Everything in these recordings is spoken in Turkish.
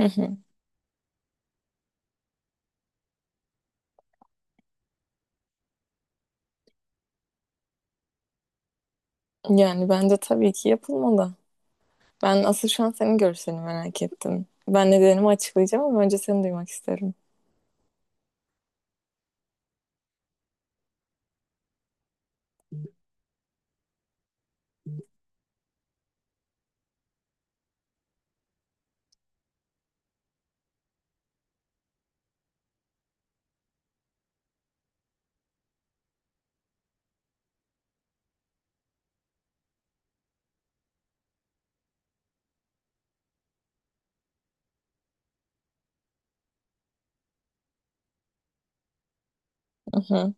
Hı hı. Yani bence tabii ki yapılmalı. Ben asıl şu an senin görüşlerini merak ettim. Ben nedenimi açıklayacağım ama önce seni duymak isterim. Hı hı.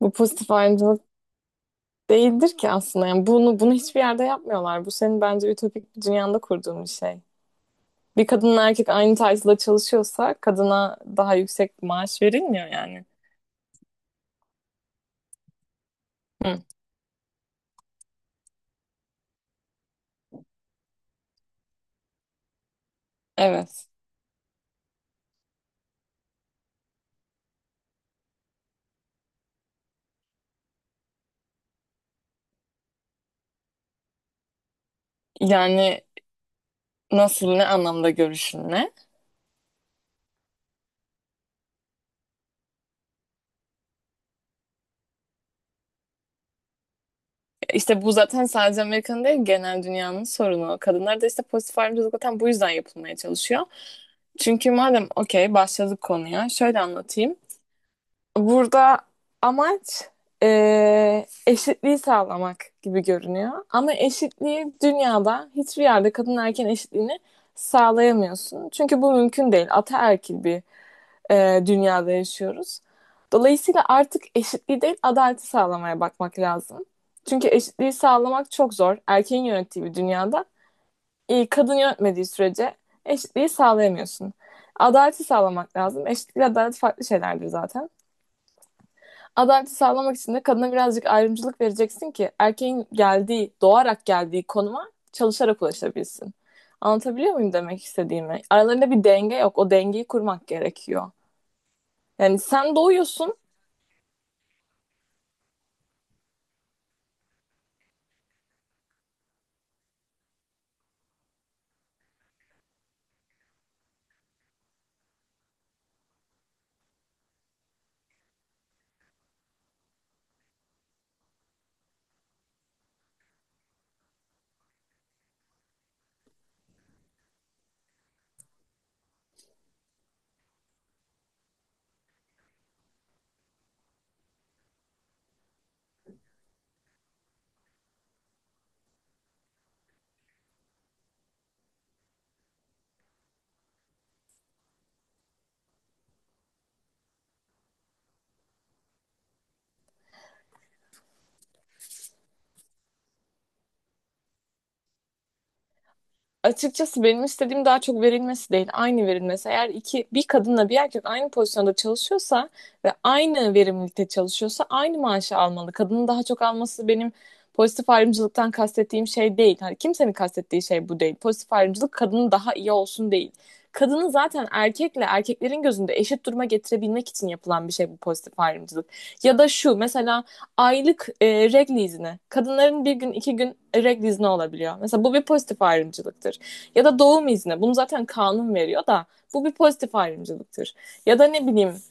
Bu pozitif ayrımcılık değildir ki aslında. Yani bunu hiçbir yerde yapmıyorlar. Bu senin bence ütopik bir dünyanda kurduğun bir şey. Bir kadınla erkek aynı title'da çalışıyorsa kadına daha yüksek maaş verilmiyor yani. Hı. Evet. Yani nasıl ne anlamda görüşün ne? İşte bu zaten sadece Amerika'nın değil genel dünyanın sorunu. Kadınlar da işte pozitif ayrımcılık zaten bu yüzden yapılmaya çalışıyor. Çünkü madem okey başladık konuya şöyle anlatayım. Burada amaç eşitliği sağlamak gibi görünüyor. Ama eşitliği dünyada hiçbir yerde kadın erkeğin eşitliğini sağlayamıyorsun. Çünkü bu mümkün değil. Ataerkil bir dünyada yaşıyoruz. Dolayısıyla artık eşitliği değil adaleti sağlamaya bakmak lazım. Çünkü eşitliği sağlamak çok zor. Erkeğin yönettiği bir dünyada kadın yönetmediği sürece eşitliği sağlayamıyorsun. Adaleti sağlamak lazım. Eşitlik adalet farklı şeylerdir zaten. Adaleti sağlamak için de kadına birazcık ayrımcılık vereceksin ki erkeğin geldiği, doğarak geldiği konuma çalışarak ulaşabilsin. Anlatabiliyor muyum demek istediğimi? Aralarında bir denge yok. O dengeyi kurmak gerekiyor. Yani sen doğuyorsun. Açıkçası benim istediğim daha çok verilmesi değil, aynı verilmesi. Eğer iki bir kadınla bir erkek aynı pozisyonda çalışıyorsa ve aynı verimlilikte çalışıyorsa aynı maaşı almalı. Kadının daha çok alması benim pozitif ayrımcılıktan kastettiğim şey değil. Hani kimsenin kastettiği şey bu değil. Pozitif ayrımcılık kadının daha iyi olsun değil. Kadını zaten erkekle erkeklerin gözünde eşit duruma getirebilmek için yapılan bir şey bu pozitif ayrımcılık. Ya da şu mesela aylık regl izni. Kadınların bir gün iki gün regl izni olabiliyor. Mesela bu bir pozitif ayrımcılıktır. Ya da doğum izni. Bunu zaten kanun veriyor da bu bir pozitif ayrımcılıktır. Ya da ne bileyim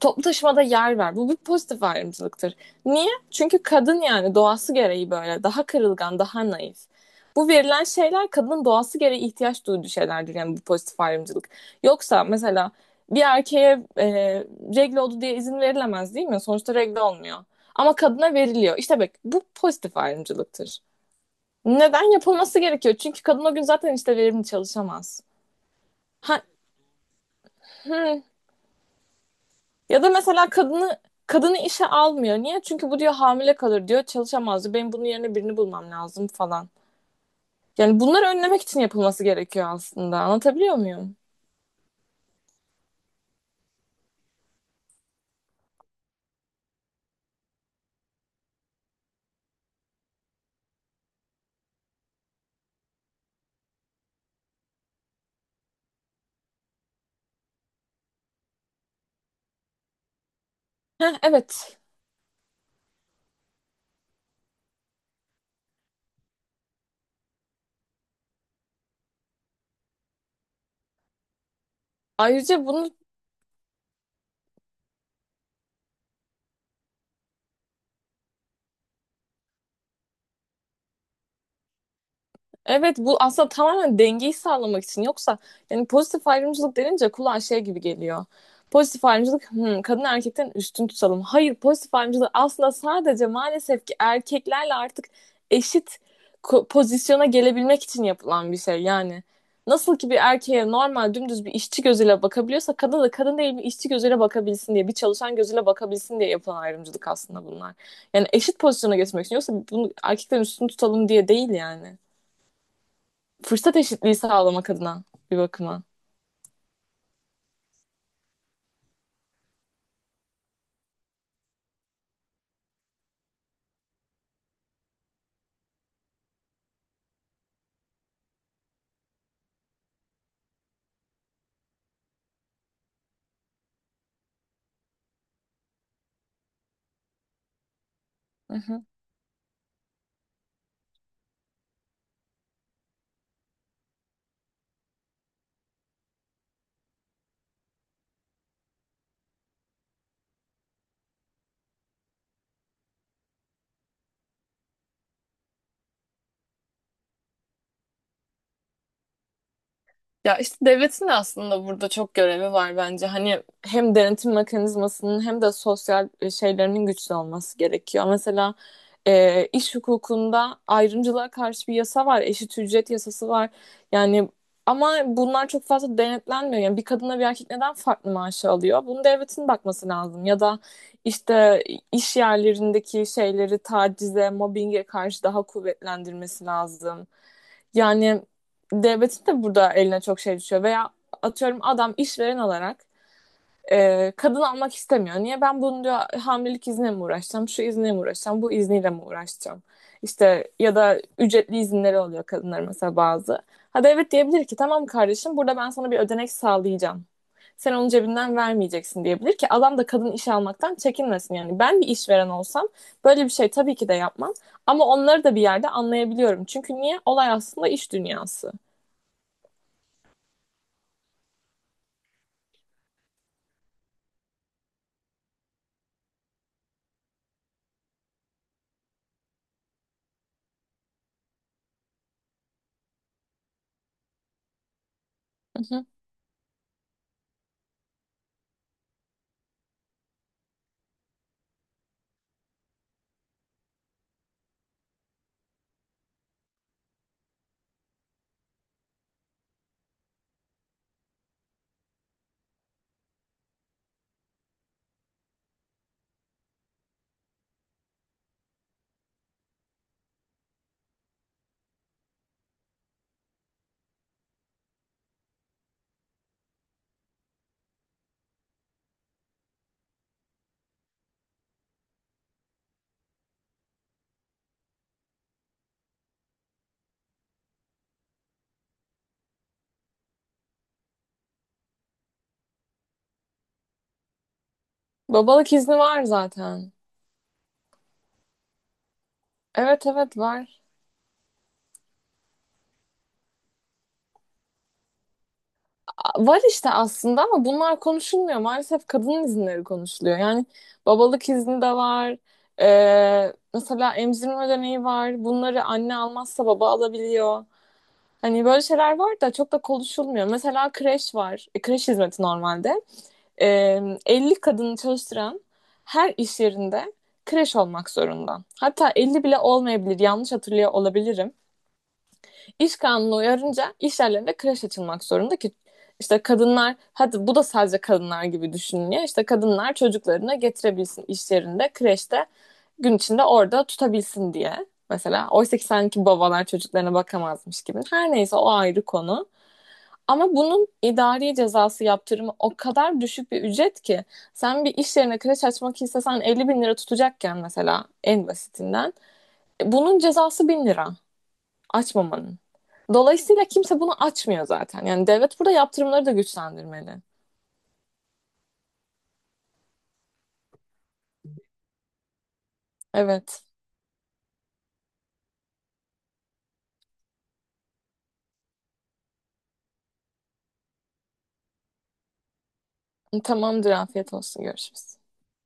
toplu taşımada yer ver. Bu bir pozitif ayrımcılıktır. Niye? Çünkü kadın yani doğası gereği böyle daha kırılgan, daha naif. Bu verilen şeyler kadının doğası gereği ihtiyaç duyduğu şeylerdir yani bu pozitif ayrımcılık. Yoksa mesela bir erkeğe regle oldu diye izin verilemez değil mi? Sonuçta regle olmuyor. Ama kadına veriliyor. İşte bak bu pozitif ayrımcılıktır. Neden yapılması gerekiyor? Çünkü kadın o gün zaten işte verimli çalışamaz. Ha, hmm, Ya da mesela kadını işe almıyor. Niye? Çünkü bu diyor hamile kalır diyor. Çalışamaz diyor. Benim bunun yerine birini bulmam lazım falan. Yani bunları önlemek için yapılması gerekiyor aslında. Anlatabiliyor muyum? Heh, evet. Ayrıca bunun Evet bu aslında tamamen dengeyi sağlamak için. Yoksa yani pozitif ayrımcılık denince kulağa şey gibi geliyor. Pozitif ayrımcılık kadın erkekten üstün tutalım. Hayır pozitif ayrımcılık aslında sadece maalesef ki erkeklerle artık eşit pozisyona gelebilmek için yapılan bir şey. Yani nasıl ki bir erkeğe normal dümdüz bir işçi gözüyle bakabiliyorsa kadına da kadın değil bir işçi gözüyle bakabilsin diye bir çalışan gözüyle bakabilsin diye yapılan ayrımcılık aslında bunlar. Yani eşit pozisyona geçmek için yoksa bunu erkekten üstün tutalım diye değil yani fırsat eşitliği sağlamak adına bir bakıma. Hı hı. Ya işte devletin de aslında burada çok görevi var bence. Hani hem denetim mekanizmasının hem de sosyal şeylerinin güçlü olması gerekiyor. Mesela iş hukukunda ayrımcılığa karşı bir yasa var, eşit ücret yasası var. Yani ama bunlar çok fazla denetlenmiyor. Yani bir kadınla bir erkek neden farklı maaşı alıyor? Bunun devletin bakması lazım. Ya da işte iş yerlerindeki şeyleri tacize, mobbinge karşı daha kuvvetlendirmesi lazım. Yani devletin de burada eline çok şey düşüyor. Veya atıyorum adam işveren olarak kadın almak istemiyor. Niye ben bunu diyor hamilelik izniyle mi uğraşacağım, şu izniyle mi uğraşacağım, bu izniyle mi uğraşacağım? İşte ya da ücretli izinleri oluyor kadınlar mesela bazı. Ha devlet diyebilir ki tamam kardeşim burada ben sana bir ödenek sağlayacağım. Sen onun cebinden vermeyeceksin diyebilir ki adam da kadın iş almaktan çekinmesin yani. Ben bir işveren olsam böyle bir şey tabii ki de yapmam ama onları da bir yerde anlayabiliyorum. Çünkü niye? Olay aslında iş dünyası. Hı hı. Babalık izni var zaten. Evet evet var. Var işte aslında ama bunlar konuşulmuyor. Maalesef kadın izinleri konuşuluyor. Yani babalık izni de var. Mesela emzirme ödeneği var. Bunları anne almazsa baba alabiliyor. Hani böyle şeyler var da çok da konuşulmuyor. Mesela kreş var. Kreş hizmeti normalde. Ee, 50 kadını çalıştıran her iş yerinde kreş olmak zorunda. Hatta 50 bile olmayabilir. Yanlış hatırlıyor olabilirim. İş kanunu uyarınca iş yerlerinde kreş açılmak zorunda ki işte kadınlar hadi bu da sadece kadınlar gibi düşünülüyor. İşte kadınlar çocuklarını getirebilsin iş yerinde kreşte gün içinde orada tutabilsin diye. Mesela oysa ki sanki babalar çocuklarına bakamazmış gibi. Her neyse o ayrı konu. Ama bunun idari cezası yaptırımı o kadar düşük bir ücret ki sen bir iş yerine kreş açmak istesen 50 bin lira tutacakken mesela en basitinden bunun cezası 1000 lira. Açmamanın. Dolayısıyla kimse bunu açmıyor zaten. Yani devlet burada yaptırımları da güçlendirmeli. Evet. Tamamdır. Afiyet olsun. Görüşürüz.